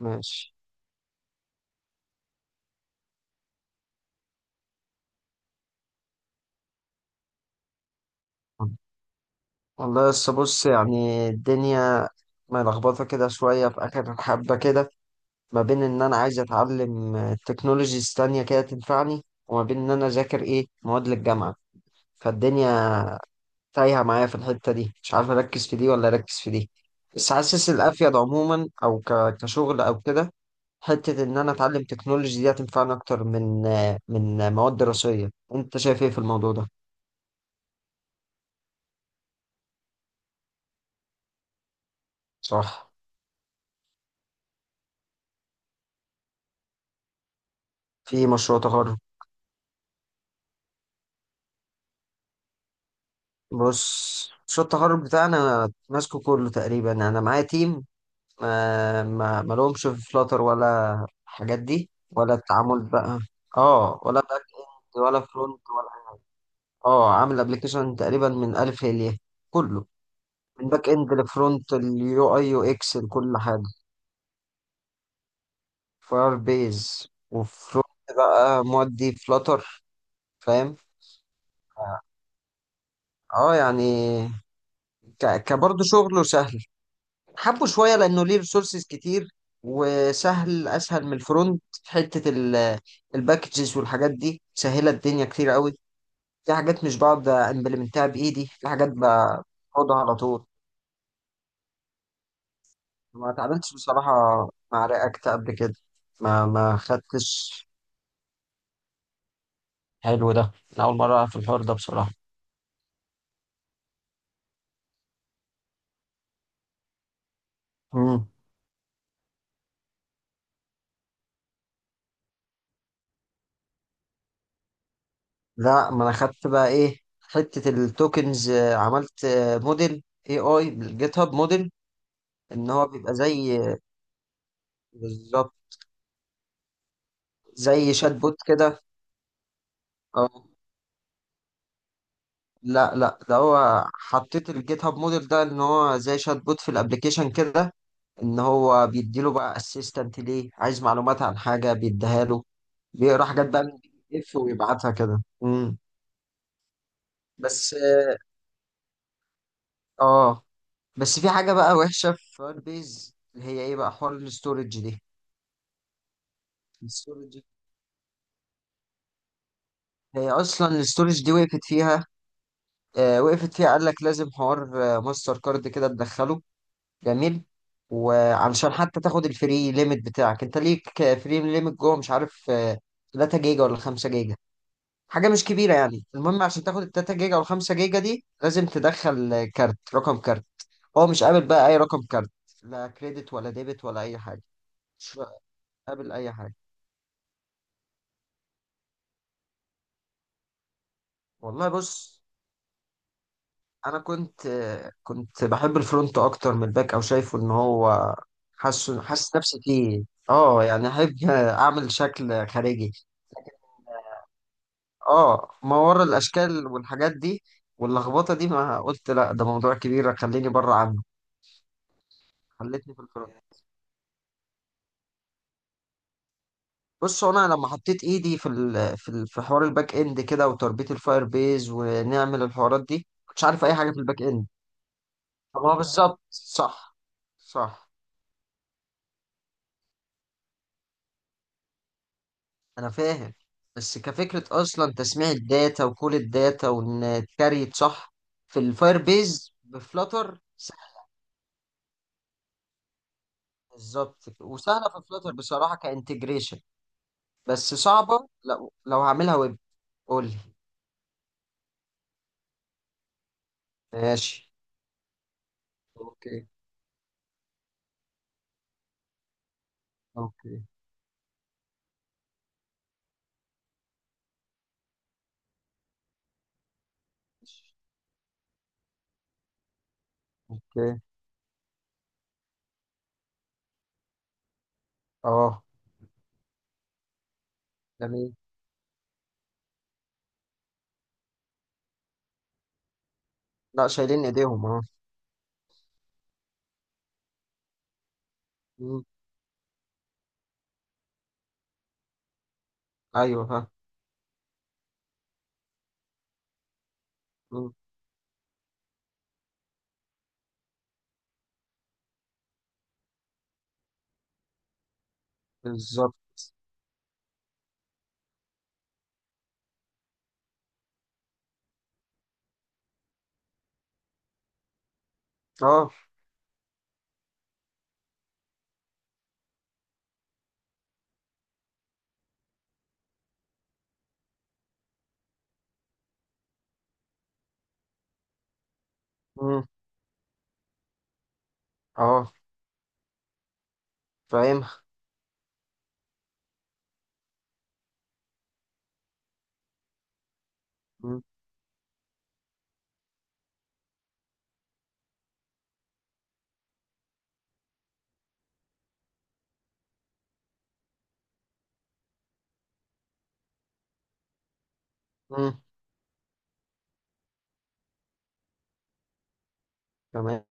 ماشي. والله لسه بص، يعني الدنيا ملخبطة كده شوية في آخر حبة كده، ما بين إن أنا عايز أتعلم تكنولوجيز تانية كده تنفعني، وما بين إن أنا أذاكر إيه مواد للجامعة. فالدنيا تايهة معايا في الحتة دي، مش عارف أركز في دي ولا أركز في دي. بس حاسس الأفيد عموما أو كشغل أو كده، حتة إن أنا أتعلم تكنولوجي دي هتنفعني أكتر من مواد دراسية. أنت شايف إيه في الموضوع ده؟ صح. في مشروع تخرج. بص، مشروع التخرج بتاعنا أنا ماسكه كله تقريبا، انا معايا تيم ما لهمش في فلاتر ولا الحاجات دي ولا التعامل بقى. اه، ولا باك اند ولا فرونت ولا. اه، عامل ابلكيشن تقريبا من الف للياء كله، من باك اند لفرونت، اليو اي يو اكس، لكل حاجه. فاير بيز وفرونت بقى مودي فلاتر، فاهم. اه. يعني كبرضه شغله سهل، حبه شويه لانه ليه ريسورسز كتير، وسهل اسهل من الفرونت في حته الباكجز والحاجات دي، سهله الدنيا كتير قوي. في حاجات مش بقعد امبلمنتها بايدي، في حاجات باخدها على طول. ما اتعاملتش بصراحه مع رياكت قبل كده، ما خدتش. حلو، ده أنا اول مره في الحوار ده بصراحه. مم. لا، ما انا خدت بقى ايه حته التوكنز، عملت موديل اي اي بالجيت هاب موديل. ان هو بيبقى زي، بالظبط، زي شات بوت كده. أو لا لا، ده هو حطيت الجيت هاب موديل ده ان هو زي شات بوت في الابليكيشن كده، ان هو بيديله بقى اسيستنت، ليه عايز معلومات عن حاجه بيديها له. بيقرا حاجات بقى من بي دي اف ويبعتها كده. امم. بس. اه. بس في حاجه بقى وحشه في فايربيز، اللي هي ايه بقى حوار الاستورج دي. الاستورج هي اصلا، الاستورج دي وقفت فيها. آه وقفت فيها، قال لك لازم حوار، آه ماستر كارد كده تدخله. جميل. وعلشان حتى تاخد الفري ليميت بتاعك، انت ليك فري ليميت جوه، مش عارف 3 جيجا ولا 5 جيجا، حاجه مش كبيره يعني. المهم عشان تاخد ال 3 جيجا وال 5 جيجا دي، لازم تدخل كارت، رقم كارت. هو مش قابل بقى اي رقم كارت، لا كريدت ولا ديبت ولا اي حاجه. مش قابل اي حاجه. والله بص، انا كنت، كنت بحب الفرونت اكتر من الباك، او شايفه ان هو، حاسس نفسي فيه. اه، يعني احب اعمل شكل خارجي. اه، ما ورا الاشكال والحاجات دي واللخبطه دي، ما قلت لا ده موضوع كبير خليني بره عنه، خلتني في الفرونت. بص، هو انا لما حطيت ايدي في حوار الباك اند كده، وتربيط الفاير بيز، ونعمل الحوارات دي، مش عارف اي حاجه في الباك اند. طب هو بالظبط صح. صح. انا فاهم، بس كفكره اصلا تسميع الداتا، وكل الداتا وان اتكريت صح، في الفاير بيز بفلتر. بالظبط، وسهله في فلتر بصراحه كانتجريشن. بس صعبة لو هعملها ويب. قول لي. ماشي. اوكي. اوكي. اوكي. اه. جميل. لا، شايلين ايديهم، اه. مم. ايوه، ها. مم. بالظبط. اه. مم. اه، فاهمها. مم. مم. تمام.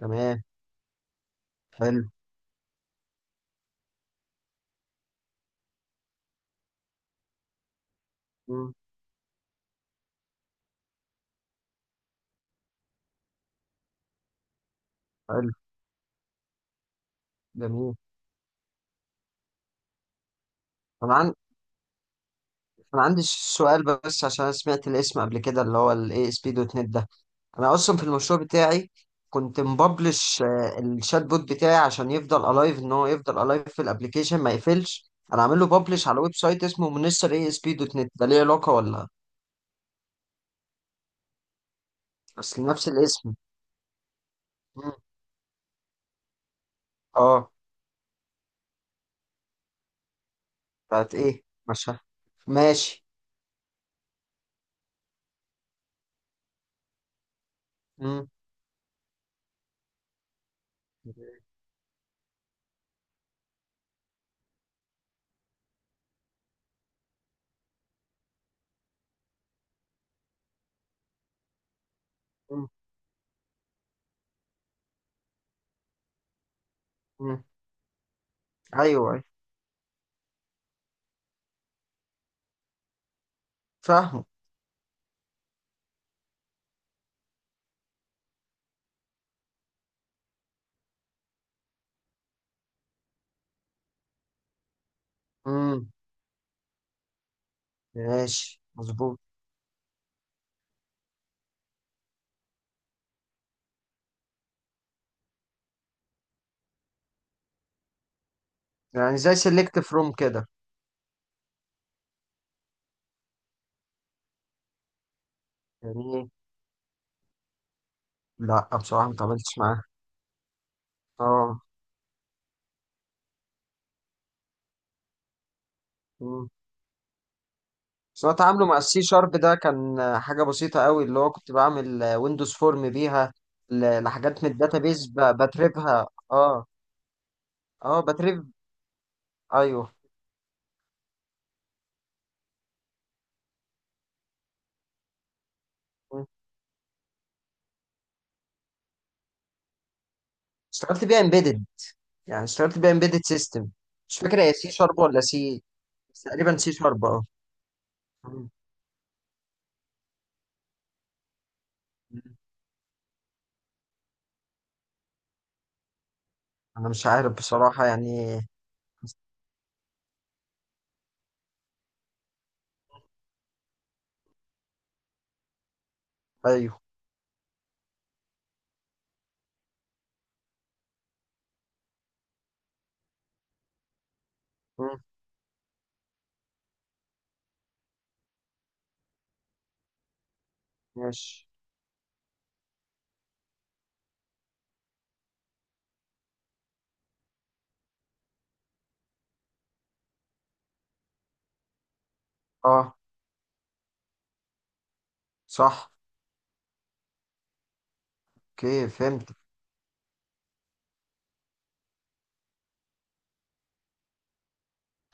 تمام. حلو. مم. حلو. جميل. انا عن... انا عندي سؤال بس، عشان أنا سمعت الاسم قبل كده، اللي هو الاي اس بي دوت نت ده. انا اصلا في المشروع بتاعي كنت مببلش، الشات بوت بتاعي، عشان يفضل الايف، ان هو يفضل الايف في الابليكيشن ما يقفلش، انا عامل له ببلش على ويب سايت اسمه منستر اي اس بي دوت نت، ده ليه علاقه ولا؟ اصل نفس الاسم. مم. اه. بتاعت ايه؟ مش فاهم. ماشي. مم. مم. مم. ايوه، أيوة، فاهمه. مم. ماشي، مظبوط. يعني زي سيلكت فروم كده؟ يعني إيه؟ لا بصراحه ما اتعاملتش معاه. اه. بس هو تعامله مع السي شارب ده كان حاجة بسيطة قوي، اللي هو كنت بعمل ويندوز فورم بيها لحاجات من الداتابيز بتريفها، اه. اه بتريف. ايوه. م. اشتغلت بيها امبيدد، يعني اشتغلت بيها امبيدد سيستم. مش فاكر هي سي شارب ولا سي، بس تقريبا سي شارب، اه. م. م. انا مش عارف بصراحة يعني. ايوه. م. ماشي. اه. صح. اوكي، فهمت.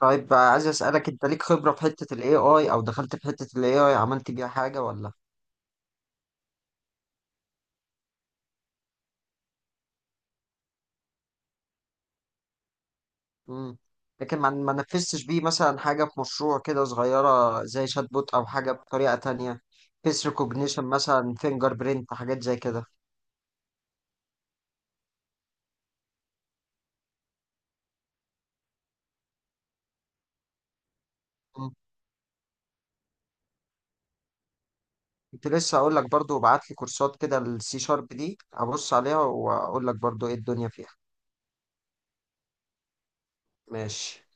طيب عايز اسألك، انت ليك خبرة في حتة الاي اي، او دخلت في حتة الاي اي عملت بيها حاجة ولا؟ مم. لكن ما نفذتش بيه مثلا حاجة في مشروع كده صغيرة، زي شات بوت أو حاجة بطريقة تانية؟ فيس ريكوجنيشن مثلا، فينجر برينت، حاجات زي كده؟ مم. كنت لسه أقول لك برضو بعت لي كورسات كده، السي شارب دي أبص عليها وأقول لك برضو إيه الدنيا فيها. ماشي.